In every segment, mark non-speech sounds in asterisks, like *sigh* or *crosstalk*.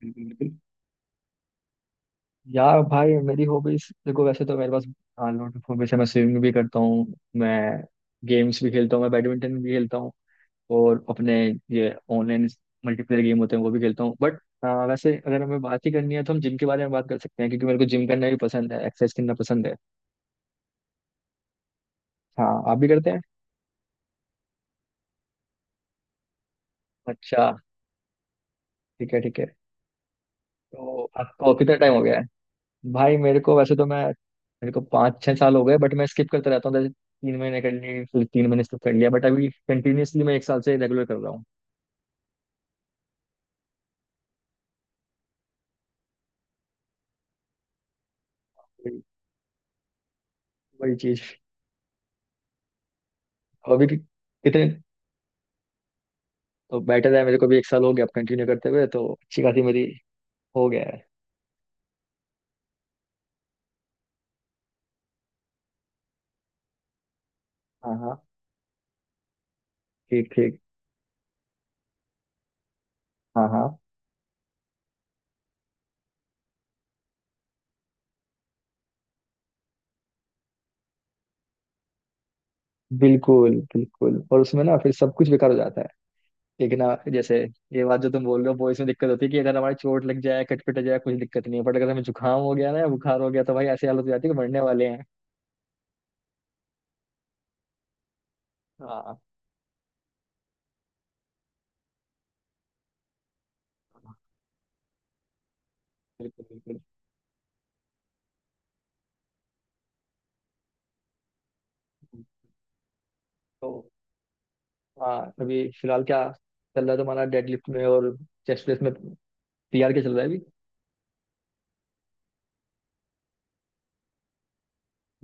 बिल्कुल बिल्कुल। यार भाई मेरी हॉबीज देखो, वैसे तो मेरे पास हाँ लोट ऑफ हॉबीज है। मैं स्विमिंग भी करता हूँ, मैं गेम्स भी खेलता हूँ, मैं बैडमिंटन भी खेलता हूँ और अपने ये ऑनलाइन मल्टीप्लेयर गेम होते हैं वो भी खेलता हूँ। बट वैसे अगर हमें बात ही करनी है तो हम जिम के बारे में बात कर सकते हैं, क्योंकि मेरे को जिम करना भी पसंद है, एक्सरसाइज करना पसंद है। हाँ, आप भी करते हैं? अच्छा, ठीक है ठीक है। तो आपको कितना टाइम हो गया है? भाई मेरे को वैसे तो मैं मेरे को 5-6 साल हो गए। बट मैं स्किप करता रहता हूँ। जैसे 3 महीने कर ली, फिर 3 महीने स्किप कर लिया, बट अभी कंटिन्यूअसली मैं एक साल से रेगुलर कर रहा हूँ। वही, वही चीज़। अभी कि- कितने तो बेटर है। मेरे को भी एक साल हो गया अब कंटिन्यू करते हुए, तो अच्छी खासी मेरी हो गया है। हाँ हाँ। ठीक ठीक। हाँ हाँ। बिल्कुल बिल्कुल, और उसमें ना फिर सब कुछ बेकार हो जाता है। एक ना जैसे, ये बात जो तुम बोल रहे हो वो इसमें दिक्कत होती है कि अगर हमारी चोट लग जाए, कटपट जाए, कुछ दिक्कत नहीं है। बट अगर हमें जुकाम हो गया ना, या बुखार हो गया, तो भाई ऐसी हालत हो जाती है कि मरने वाले हैं। हाँ हाँ, बिल्कुल बिल्कुल। तो हाँ, अभी फिलहाल क्या चल रहा है तुम्हारा डेडलिफ्ट में और चेस्ट प्रेस में? पीआर के चल रहा है अभी?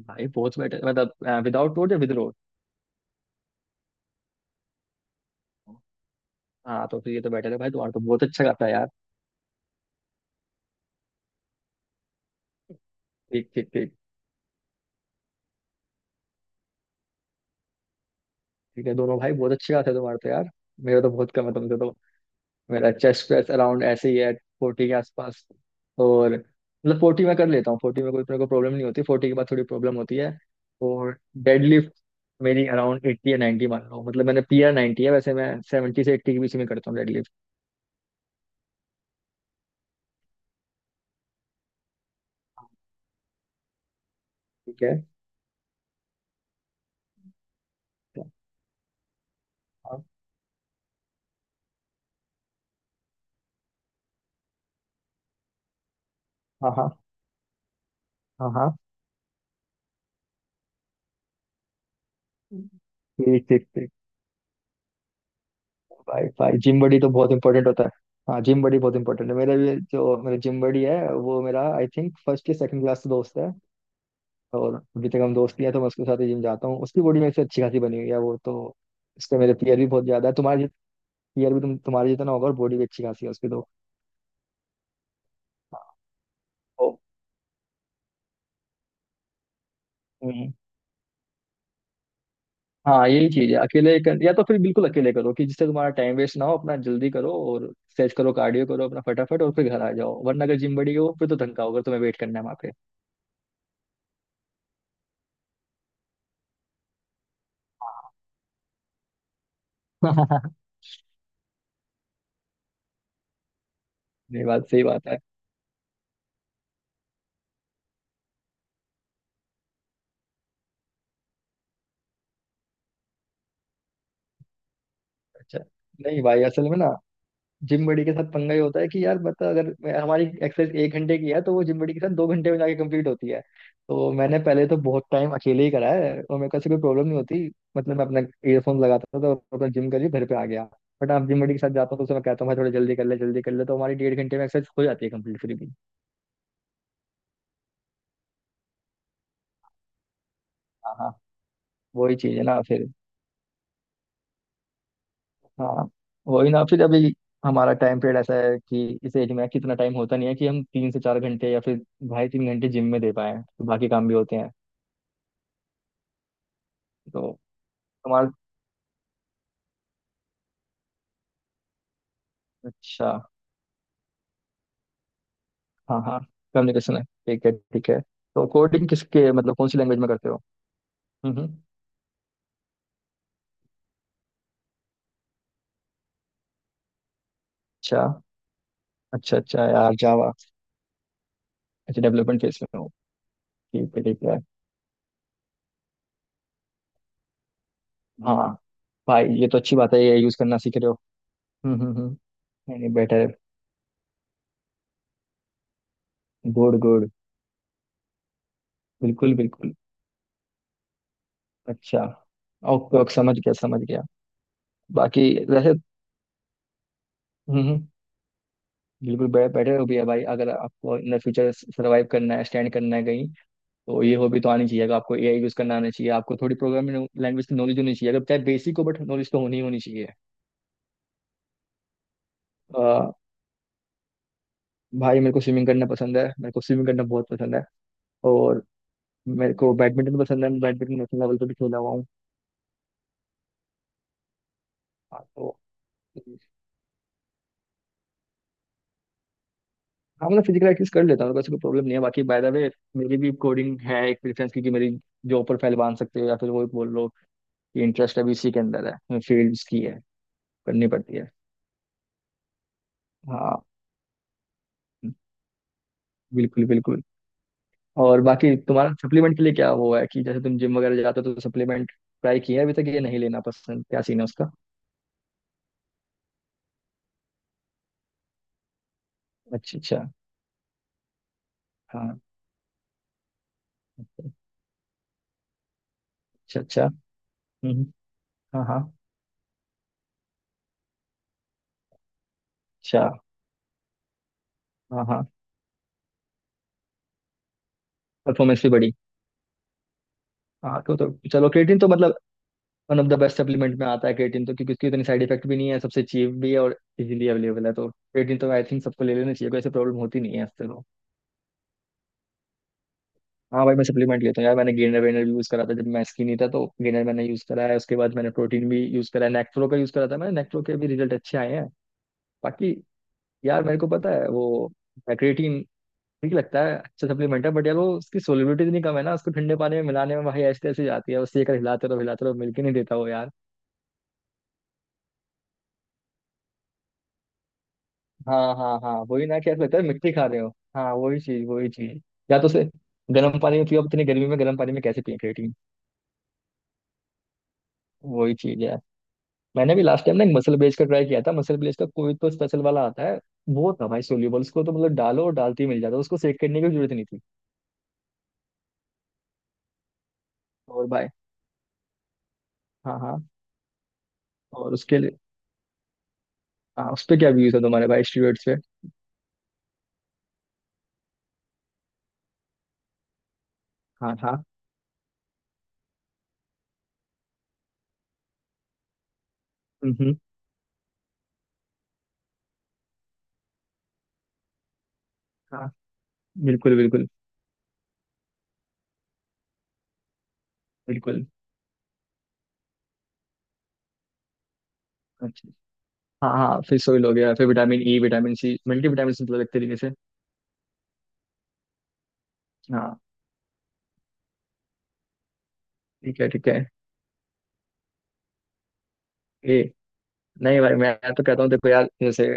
भाई बहुत बेटर। मतलब विदाउट रोड या विद रोड? हाँ, तो फिर ये तो बेटर है भाई। तुम्हारा तो बहुत अच्छा गाता है यार। ठीक ठीक ठीक। ठीक है, दोनों भाई बहुत अच्छे गाते हैं तुम्हारे तो यार। मेरा तो बहुत कम है तुमसे तो। मेरा चेस्ट प्रेस अराउंड ऐसे ही है, 40 के आसपास। और मतलब 40 में कर लेता हूँ, 40 में कोई मेरे को प्रॉब्लम नहीं होती, 40 के बाद थोड़ी प्रॉब्लम होती है। और डेडलिफ्ट मेरी अराउंड 80 या 90 मान लो। मतलब मैंने पीआर 90 है, वैसे मैं 70 से 80 के बीच में करता हूँ डेडलिफ्ट। ठीक है। हाँ हाँ। हाँ हाँ। हाँ। ठीक ठीक ठीक। भाई भाई जिम बॉडी तो बहुत इंपॉर्टेंट होता है। हाँ, जिम बॉडी बहुत इंपॉर्टेंट है। मेरा भी जो मेरा जिम बॉडी है वो मेरा आई थिंक फर्स्ट या सेकंड क्लास दोस्त है। और अभी तक हम दोस्त ही हैं, तो मैं उसके साथ ही जिम जाता हूँ। उसकी बॉडी मेरे से अच्छी खासी बनी हुई है वो तो। उसके मेरे पीयर भी बहुत ज्यादा है। तुम्हारे पीयर भी तुम्हारे जितना होगा, और बॉडी भी अच्छी खासी है उसकी तो। ओ, हम्म। हाँ, यही चीज है। या तो फिर बिल्कुल अकेले करो कि जिससे तुम्हारा टाइम वेस्ट ना हो, अपना जल्दी करो और स्ट्रेच करो, कार्डियो करो अपना फटाफट और फिर घर आ जाओ। वरना अगर जिम बड़ी हो फिर तो धक्का होगा, तुम्हें वेट करना है वहाँ पे। *laughs* नहीं, बात सही बात है। अच्छा। नहीं भाई, असल में ना जिम बड़ी के साथ पंगा ये होता है कि यार बता, अगर हमारी एक्सरसाइज एक घंटे की है, तो वो जिम बड़ी के साथ 2 घंटे में जाके कंप्लीट होती है। तो मैंने पहले तो बहुत टाइम अकेले ही करा है और मेरे को ऐसी कोई प्रॉब्लम नहीं होती। मतलब मैं अपना ईयरफोन लगाता था, तो अपना जिम कर लिया, घर पे आ गया। बट आप जिम बड़ी के साथ जाता हूँ तो उसे मैं कहता हूँ भाई थोड़ा जल्दी कर ले, जल्दी कर ले, तो हमारी 1.5 घंटे में एक्सरसाइज हो जाती है कंप्लीट फिर भी। हाँ हाँ, वही चीज़ है ना फिर। हाँ, वही ना। फिर अभी हमारा टाइम पीरियड ऐसा है कि इस एज में कितना टाइम होता नहीं है कि हम 3 से 4 घंटे या फिर ढाई तीन घंटे जिम में दे पाए, तो बाकी काम भी होते हैं। तो तुम्हारा। अच्छा। हाँ हाँ, कम्युनिकेशन है, ठीक है ठीक है। तो कोडिंग किसके, मतलब कौन सी लैंग्वेज में करते हो? हम्म। अच्छा। अच्छा अच्छा यार जावा। अच्छा, डेवलपमेंट फेज में हो? ठीक है ठीक है। हाँ भाई, ये तो अच्छी बात है, ये यूज करना सीख रहे हो। हम्म। नहीं नहीं, बेटर। Good good. बिल्कुल बिल्कुल। अच्छा। ओके ओके, समझ गया समझ गया। बाकी वैसे। हम्म हम्म, बिल्कुल बेटर हो भी है भाई। अगर आपको इन द फ्यूचर सर्वाइव करना है, स्टैंड करना है कहीं, तो ये हॉबी तो आनी चाहिए। अगर आपको एआई यूज करना आना चाहिए, आपको थोड़ी प्रोग्रामिंग लैंग्वेज की नॉलेज होनी चाहिए, अगर चाहे बेसिक हो, बट नॉलेज तो होनी ही होनी चाहिए। अ, भाई मेरे को स्विमिंग करना पसंद है, मेरे को स्विमिंग करना बहुत पसंद है। और मेरे को बैडमिंटन पसंद है, मैं बैडमिंटन नेशनल लेवल पे भी खेला हुआ हूँ। हाँ, तो हाँ, मतलब फिजिकल एक्टिविटीज कर लेता हूँ, वैसे कोई प्रॉब्लम नहीं है। बाकी बाय द वे, मेरी भी कोडिंग है एक प्रेफरेंस की कि मेरी जॉब पर फाइल बांध सकते हो, या फिर वो बोल लो कि इंटरेस्ट अभी इसी के अंदर है, फील्ड्स की है, करनी पड़ती है। हाँ, बिल्कुल बिल्कुल। और बाकी तुम्हारा सप्लीमेंट के लिए क्या वो है, कि जैसे तुम जिम वगैरह जाते हो तो सप्लीमेंट ट्राई किया है अभी तक, ये नहीं लेना पसंद? क्या सीन है उसका? अच्छा अच्छा। हाँ। अच्छा। अच्छा। हम्म, हम्म। हाँ हाँ। अच्छा। हाँ हाँ। परफॉर्मेंस भी बढ़ी। हाँ तो चलो क्रिएटिन तो मतलब one of the best supplement में आता है क्रिएटिन तो, क्योंकि उसकी इतनी साइड इफेक्ट भी नहीं है, सबसे चीप भी है और इजीली अवेलेबल है। तो क्रिएटिन तो आई थिंक सबको ले लेना चाहिए, कोई ऐसी प्रॉब्लम होती नहीं है इससे। हाँ भाई, मैं सप्लीमेंट लेता हूँ यार। मैंने गेनर वेनर भी यूज करा था जब मैं स्किनी था, तो गेनर मैंने यूज करा है। उसके बाद मैंने प्रोटीन भी यूज करा है, नेक्ट्रो का यूज करा था मैंने, नेक्ट्रो के भी रिजल्ट अच्छे आए हैं। बाकी यार, मेरे को पता है वो क्रिएटिन ठीक लगता है, अच्छा सप्लीमेंट है। बट यार वो उसकी सोलिबिलिटी इतनी कम है ना, उसको ठंडे पानी में मिलाने में भाई ऐसे ऐसे जाती है उससे, एक हिलाते रहो हिलाते रहो, मिल के नहीं देता वो यार। हाँ हाँ हाँ, वही ना। क्या लगता है मिट्टी खा रहे हो। हाँ, वही चीज वही चीज। या तो उसे गर्म पानी में पियो, अब इतनी गर्मी में गर्म पानी में कैसे पिए क्रिएटिन। वही चीज है। मैंने भी लास्ट टाइम ना एक मसल ब्लेज का ट्राई किया था, मसल ब्लेज का कोई तो स्पेशल वाला आता है, वो था भाई सोल्यूबल। उसको तो मतलब डालो, और डालते ही मिल जाता, उसको सेक करने की भी जरूरत नहीं थी। और भाई। हाँ हाँ। और उसके लिए, हाँ उस पे क्या व्यूज है तुम्हारे भाई स्टूडेंट्स पे? हाँ हाँ। हम्म हम्म, हाँ। बिल्कुल। बिल्कुल बिल्कुल। अच्छा। हाँ हाँ, फिर सोइल हो गया, फिर vitamin E, vitamin C, multi vitamin, मतलब एक तरीके से। हाँ। ठीक है ठीक है। ए नहीं भाई, मैं तो कहता हूँ देखो यार जैसे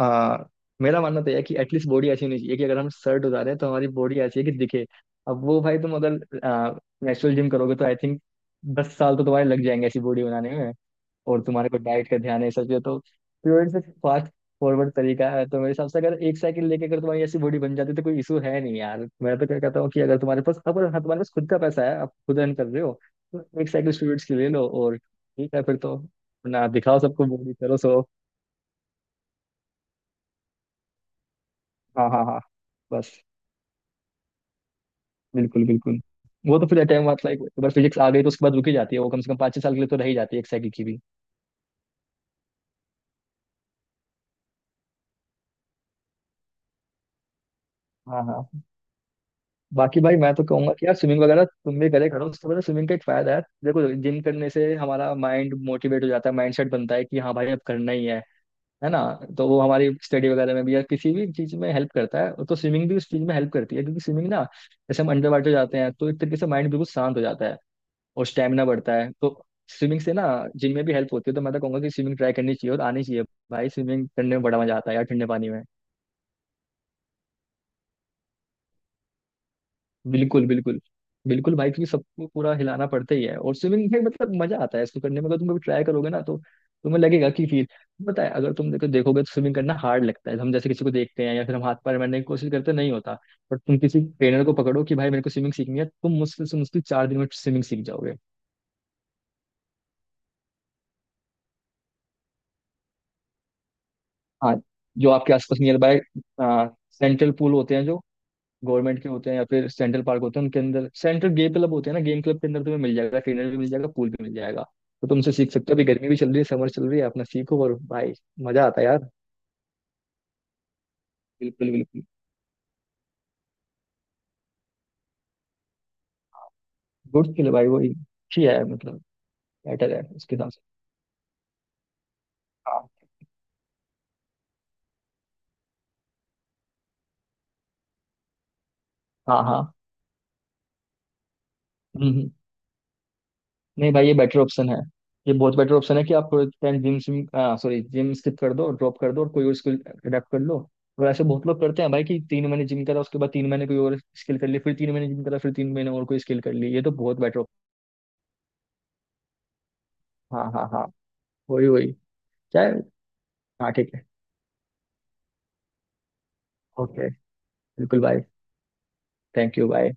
आ, मेरा मानना तो यह है कि एटलीस्ट बॉडी ऐसी होनी चाहिए कि अगर हम शर्ट उतारें तो हमारी बॉडी ऐसी है कि दिखे। अब वो भाई तुम अगर नेचुरल जिम करोगे तो आई थिंक 10 साल तो तुम्हारे लग जाएंगे ऐसी बॉडी बनाने में। और तुम्हारे को डाइट का ध्यान है सब चीज़ें तो प्योर से फास्ट फॉरवर्ड तरीका है। तो मेरे हिसाब से अगर एक साइकिल लेके अगर तुम्हारी ऐसी बॉडी बन जाती तो कोई इशू है नहीं यार। मैं तो क्या कहता हूँ कि अगर तुम्हारे पास अगर, हाँ, तुम्हारे पास खुद का पैसा है, आप खुद अर्न कर रहे हो, तो एक साइकिल स्टूडेंट्स की ले लो। और ठीक है फिर तो, ना दिखाओ सबको, बॉडी करो सो। हाँ हाँ हाँ। बस। बिल्कुल बिल्कुल। वो तो फिर टाइम बाद लाइक एक बार फिजिक्स आ गई तो उसके बाद रुकी जाती है वो, कम से कम 5-6 साल के लिए तो रह ही जाती है एक साइकिल की भी। हाँ हाँ। बाकी भाई मैं तो कहूंगा कि यार स्विमिंग वगैरह तुम भी करे करो, उससे पता, स्विमिंग का एक फायदा है देखो। जिम करने से हमारा माइंड मोटिवेट हो जाता है, माइंड सेट बनता है कि हाँ भाई अब करना ही है ना? तो वो हमारी स्टडी वगैरह में भी, या किसी भी चीज में हेल्प करता है। तो स्विमिंग भी उस चीज में हेल्प करती है, क्योंकि स्विमिंग ना, जैसे हम अंडर वाटर जाते हैं तो एक तरीके से माइंड बिल्कुल शांत हो जाता है। और स्टेमिना बढ़ता है, तो स्विमिंग से ना जिम में भी हेल्प होती है। तो मैं तो कहूंगा कि स्विमिंग ट्राई करनी चाहिए और आनी चाहिए। भाई स्विमिंग करने में बड़ा मजा आता है यार ठंडे पानी में। बिल्कुल बिल्कुल। बिल्कुल भाई, क्योंकि सबको पूरा हिलाना पड़ता ही है, और स्विमिंग में मतलब मजा आता है इसको करने में। अगर तुम कभी ट्राई करोगे ना, तो तुम्हें लगेगा कि फील, पता है। अगर तुम देखोगे तो स्विमिंग करना हार्ड लगता है, हम जैसे किसी को देखते हैं, या फिर हम हाथ पैर मारने की कोशिश करते हैं, नहीं होता। पर तुम किसी ट्रेनर को पकड़ो कि भाई मेरे को स्विमिंग सीखनी है, तुम मुश्किल से मुश्किल 4 दिन में स्विमिंग सीख जाओगे। हाँ, जो आपके आसपास नियर बाय सेंट्रल पूल होते हैं जो गवर्नमेंट के होते हैं, या फिर सेंट्रल पार्क होते हैं उनके अंदर सेंट्रल गेम क्लब होते हैं ना, गेम क्लब के अंदर तुम्हें मिल जाएगा, ट्रेनर भी मिल जाएगा, पूल भी मिल जाएगा। तो तुमसे सीख सकते हो। अभी गर्मी भी चल रही है, समर चल रही है, अपना सीखो। और भाई मजा आता है यार। बिल्कुल बिल्कुल। गुड स्किल है भाई, वही अच्छी है। मतलब बेटर है उसके हिसाब से। हाँ हाँ हाँ। नहीं भाई, ये बेटर ऑप्शन है, ये बहुत बेटर ऑप्शन है कि आप थोड़े टाइम जिम सिम, सॉरी जिम स्किप कर दो, ड्रॉप कर दो और कोई और स्किल अडेप्ट कर लो। और ऐसे बहुत लोग करते हैं भाई कि 3 महीने जिम करा, उसके बाद 3 महीने कोई और स्किल कर ली, फिर तीन महीने जिम करा, फिर 3 महीने और कोई स्किल कर ली, ये तो बहुत बेटर। हाँ हाँ हाँ। वही वही। क्या है? हाँ ठीक है। ओके। बिल्कुल भाई। Thank you bye.